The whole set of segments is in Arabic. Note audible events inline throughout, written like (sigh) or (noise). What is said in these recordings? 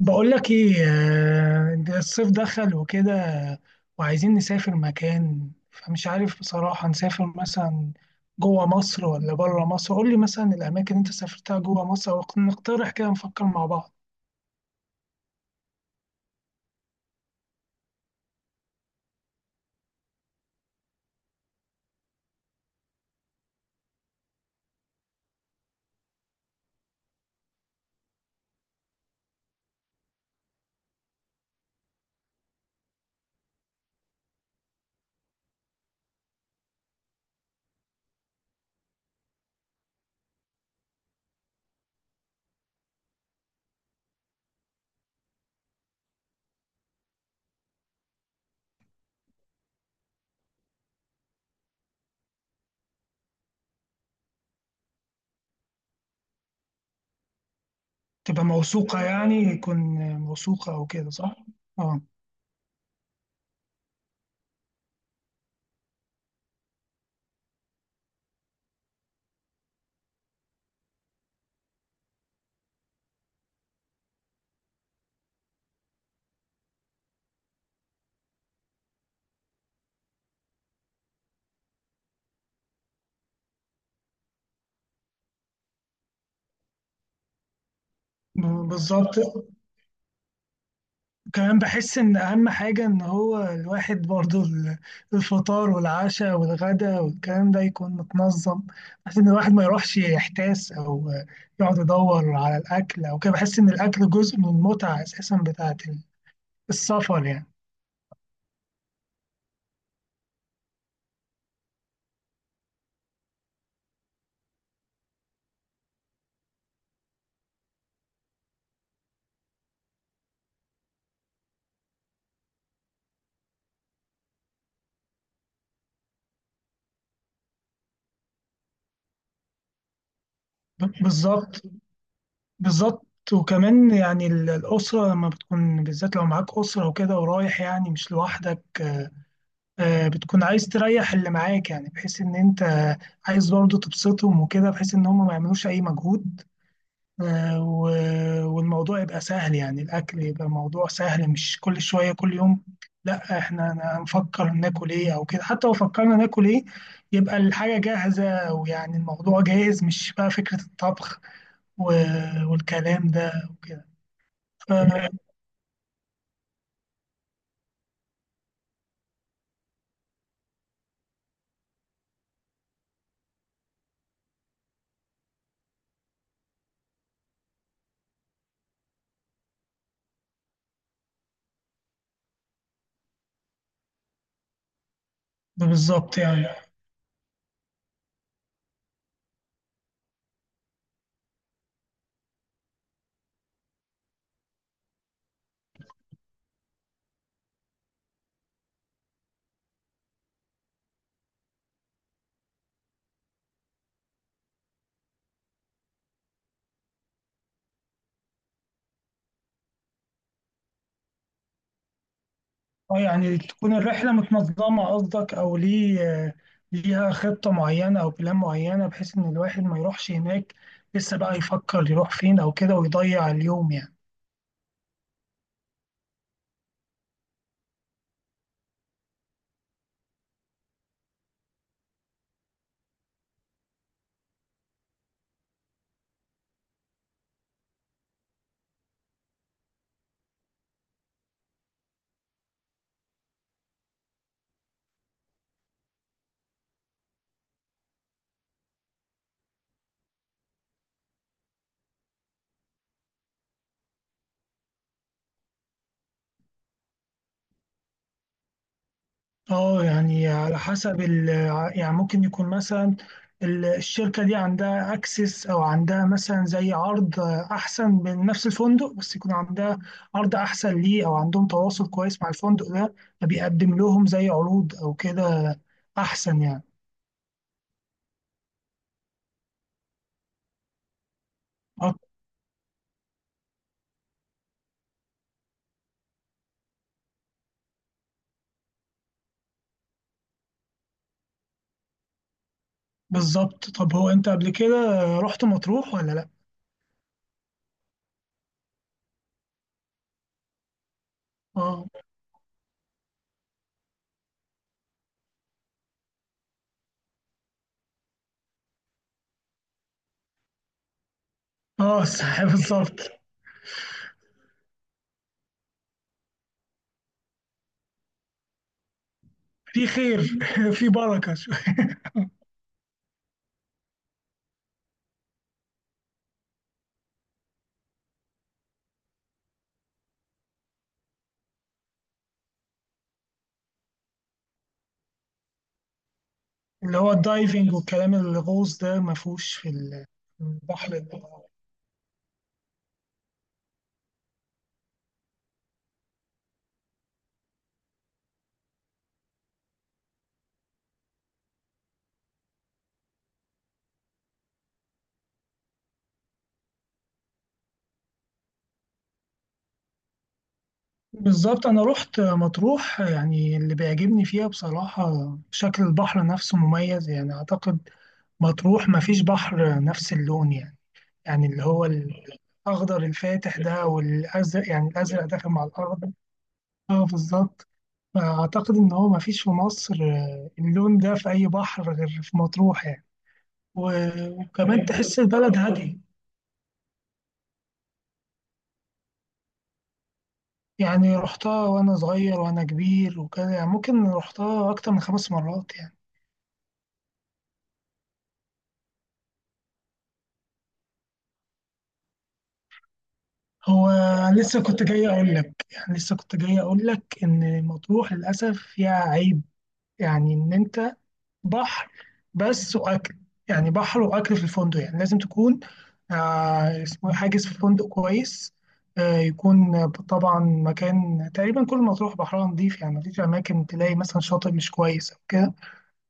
بقول لك ايه، ده الصيف دخل وكده. وعايزين نسافر مكان، فمش عارف بصراحة. نسافر مثلا جوه مصر ولا بره مصر؟ قول لي مثلا الأماكن اللي أنت سافرتها جوه مصر، ونقترح كده نفكر مع بعض. تبقى موثوقة، يعني يكون موثوقة أو كده، صح؟ اه. بالظبط. كمان بحس ان اهم حاجة ان هو الواحد برضو الفطار والعشاء والغداء والكلام ده يكون متنظم. بحس ان الواحد ما يروحش يحتاس، او يقعد يدور على الاكل او كده. بحس ان الاكل جزء من المتعة اساسا بتاعت السفر يعني. بالظبط بالظبط. وكمان يعني الأسرة لما بتكون، بالذات لو معاك أسرة وكده ورايح يعني مش لوحدك. بتكون عايز تريح اللي معاك، يعني بحيث إن أنت عايز برضه تبسطهم وكده، بحيث إن هم ما يعملوش أي مجهود. آه، و- والموضوع يبقى سهل. يعني الأكل يبقى موضوع سهل، مش كل شوية كل يوم لا احنا هنفكر ناكل ايه او كده. حتى لو فكرنا ناكل ايه، يبقى الحاجة جاهزة، ويعني الموضوع جاهز، مش بقى فكرة الطبخ والكلام ده وكده. ف- بالظبط يعني. اه، يعني تكون الرحلة متنظمة قصدك، او ليه؟ آه، ليها خطة معينة او بلان معينة، بحيث ان الواحد ما يروحش هناك لسه بقى يفكر يروح فين او كده ويضيع اليوم يعني. اه يعني على حسب يعني. ممكن يكون مثلا الشركة دي عندها اكسس، او عندها مثلا زي عرض احسن من نفس الفندق. بس يكون عندها عرض احسن ليه، او عندهم تواصل كويس مع الفندق ده، فبيقدم لهم زي عروض او كده احسن يعني. اه بالظبط. طب هو انت قبل كده رحت مطروح ولا لا؟ اه. اه صح، بالظبط. في خير (laughs) في بركة شوية. اللي هو الدايفنج والكلام، الغوص ده ما فيهوش في البحر. بالظبط، أنا رحت مطروح. يعني اللي بيعجبني فيها بصراحة شكل البحر نفسه مميز يعني. أعتقد مطروح مفيش بحر نفس اللون يعني. يعني اللي هو الأخضر الفاتح ده والأزرق، يعني الأزرق داخل مع الأخضر. اه بالظبط. فأعتقد إن هو مفيش في مصر اللون ده في أي بحر غير في مطروح يعني. وكمان تحس البلد هادية. يعني رحتها وأنا صغير وأنا كبير وكده، يعني ممكن رحتها أكتر من 5 مرات يعني. هو لسه كنت جاي اقول لك، يعني لسه كنت جاي اقول لك ان مطروح للاسف فيها عيب. يعني ان انت بحر بس واكل. يعني بحر واكل في الفندق، يعني لازم تكون آه اسمه إيه، حاجز في فندق كويس. يكون طبعا مكان، تقريبا كل مطروح بحرها نظيف يعني، مفيش اماكن تلاقي مثلا شاطئ مش كويس او كده.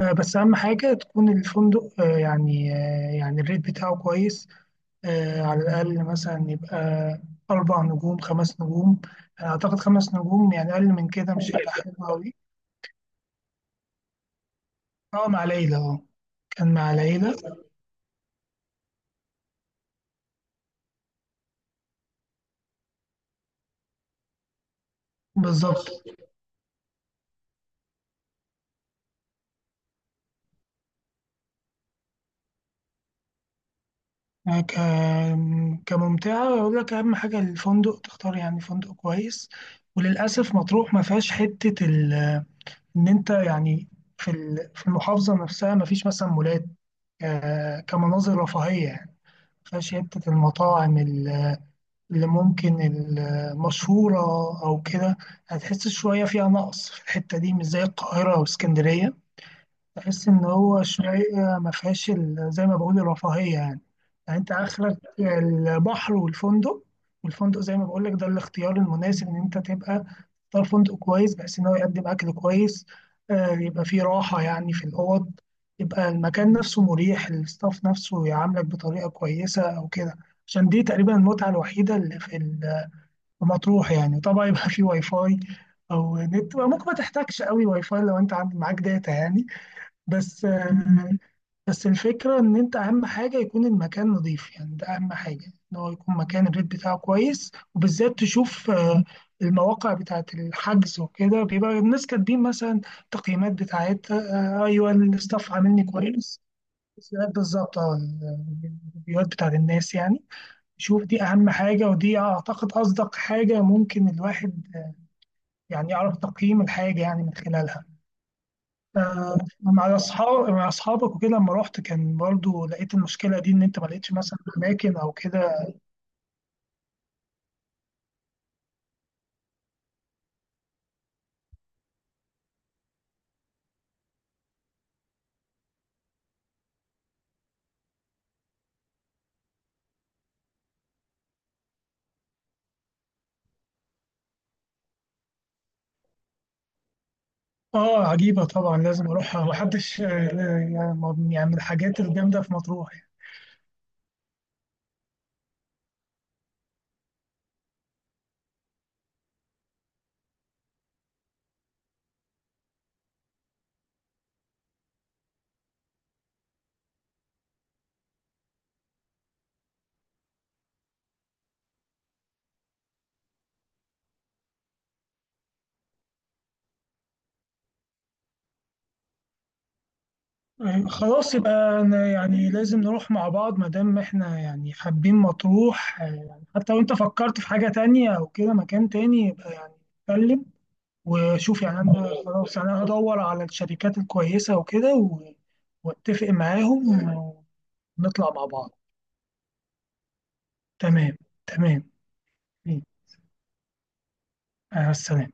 بس اهم حاجه تكون الفندق يعني يعني الريت بتاعه كويس. على الأقل مثلا يبقى 4 نجوم 5 نجوم. أنا أعتقد 5 نجوم، يعني أقل من كده مش هيبقى حلو أوي. أه مع ليلى أه. كان مع ليلى، بالظبط. كممتعة أقول لك أهم حاجة الفندق تختار، يعني فندق كويس. وللأسف مطروح ما فيهاش حتة إن أنت يعني في المحافظة نفسها، ما فيش مثلا مولات. كمناظر رفاهية يعني. ما فيهاش حتة المطاعم اللي ممكن المشهورة أو كده. هتحس شوية فيها نقص في الحتة دي، مش زي القاهرة أو اسكندرية. تحس إن هو شوية ما فيهاش زي ما بقول الرفاهية يعني. يعني أنت آخرك البحر والفندق. والفندق زي ما بقول لك ده الاختيار المناسب، إن أنت تبقى تختار فندق كويس بحيث إن هو يقدم أكل كويس. يبقى فيه راحة يعني في الأوض، يبقى المكان نفسه مريح، الستاف نفسه يعاملك بطريقة كويسة أو كده. عشان دي تقريبا المتعة الوحيدة اللي في مطروح يعني. طبعا يبقى فيه واي فاي، أو نت. ممكن ما تحتاجش قوي واي فاي لو أنت عندك معاك داتا يعني. بس بس الفكرة إن أنت أهم حاجة يكون المكان نظيف يعني. ده أهم حاجة، إن هو يكون مكان الريت بتاعه كويس، وبالذات تشوف المواقع بتاعة الحجز وكده، بيبقى الناس كاتبين مثلا تقييمات بتاعتها. أيوه، الستاف عاملني كويس. بالظبط اه. الريفيوهات بتاعة الناس يعني، شوف دي أهم حاجة. ودي أعتقد أصدق حاجة ممكن الواحد يعني يعرف تقييم الحاجة يعني من خلالها. مع اصحابك وكده لما رحت، كان برضو لقيت المشكله دي ان انت ما لقيتش مثلا اماكن او كده. اه عجيبه طبعا لازم اروحها محدش. يعني يعني من الحاجات الجامده في مطروح يعني. خلاص يبقى أنا يعني لازم نروح مع بعض ما دام احنا يعني حابين مطروح. يعني حتى لو انت فكرت في حاجه تانية او كده مكان تاني، يبقى يعني اتكلم وشوف يعني انا. خلاص يعني انا هدور على الشركات الكويسه وكده و- واتفق معاهم ونطلع مع بعض. تمام تمام. مع السلامة.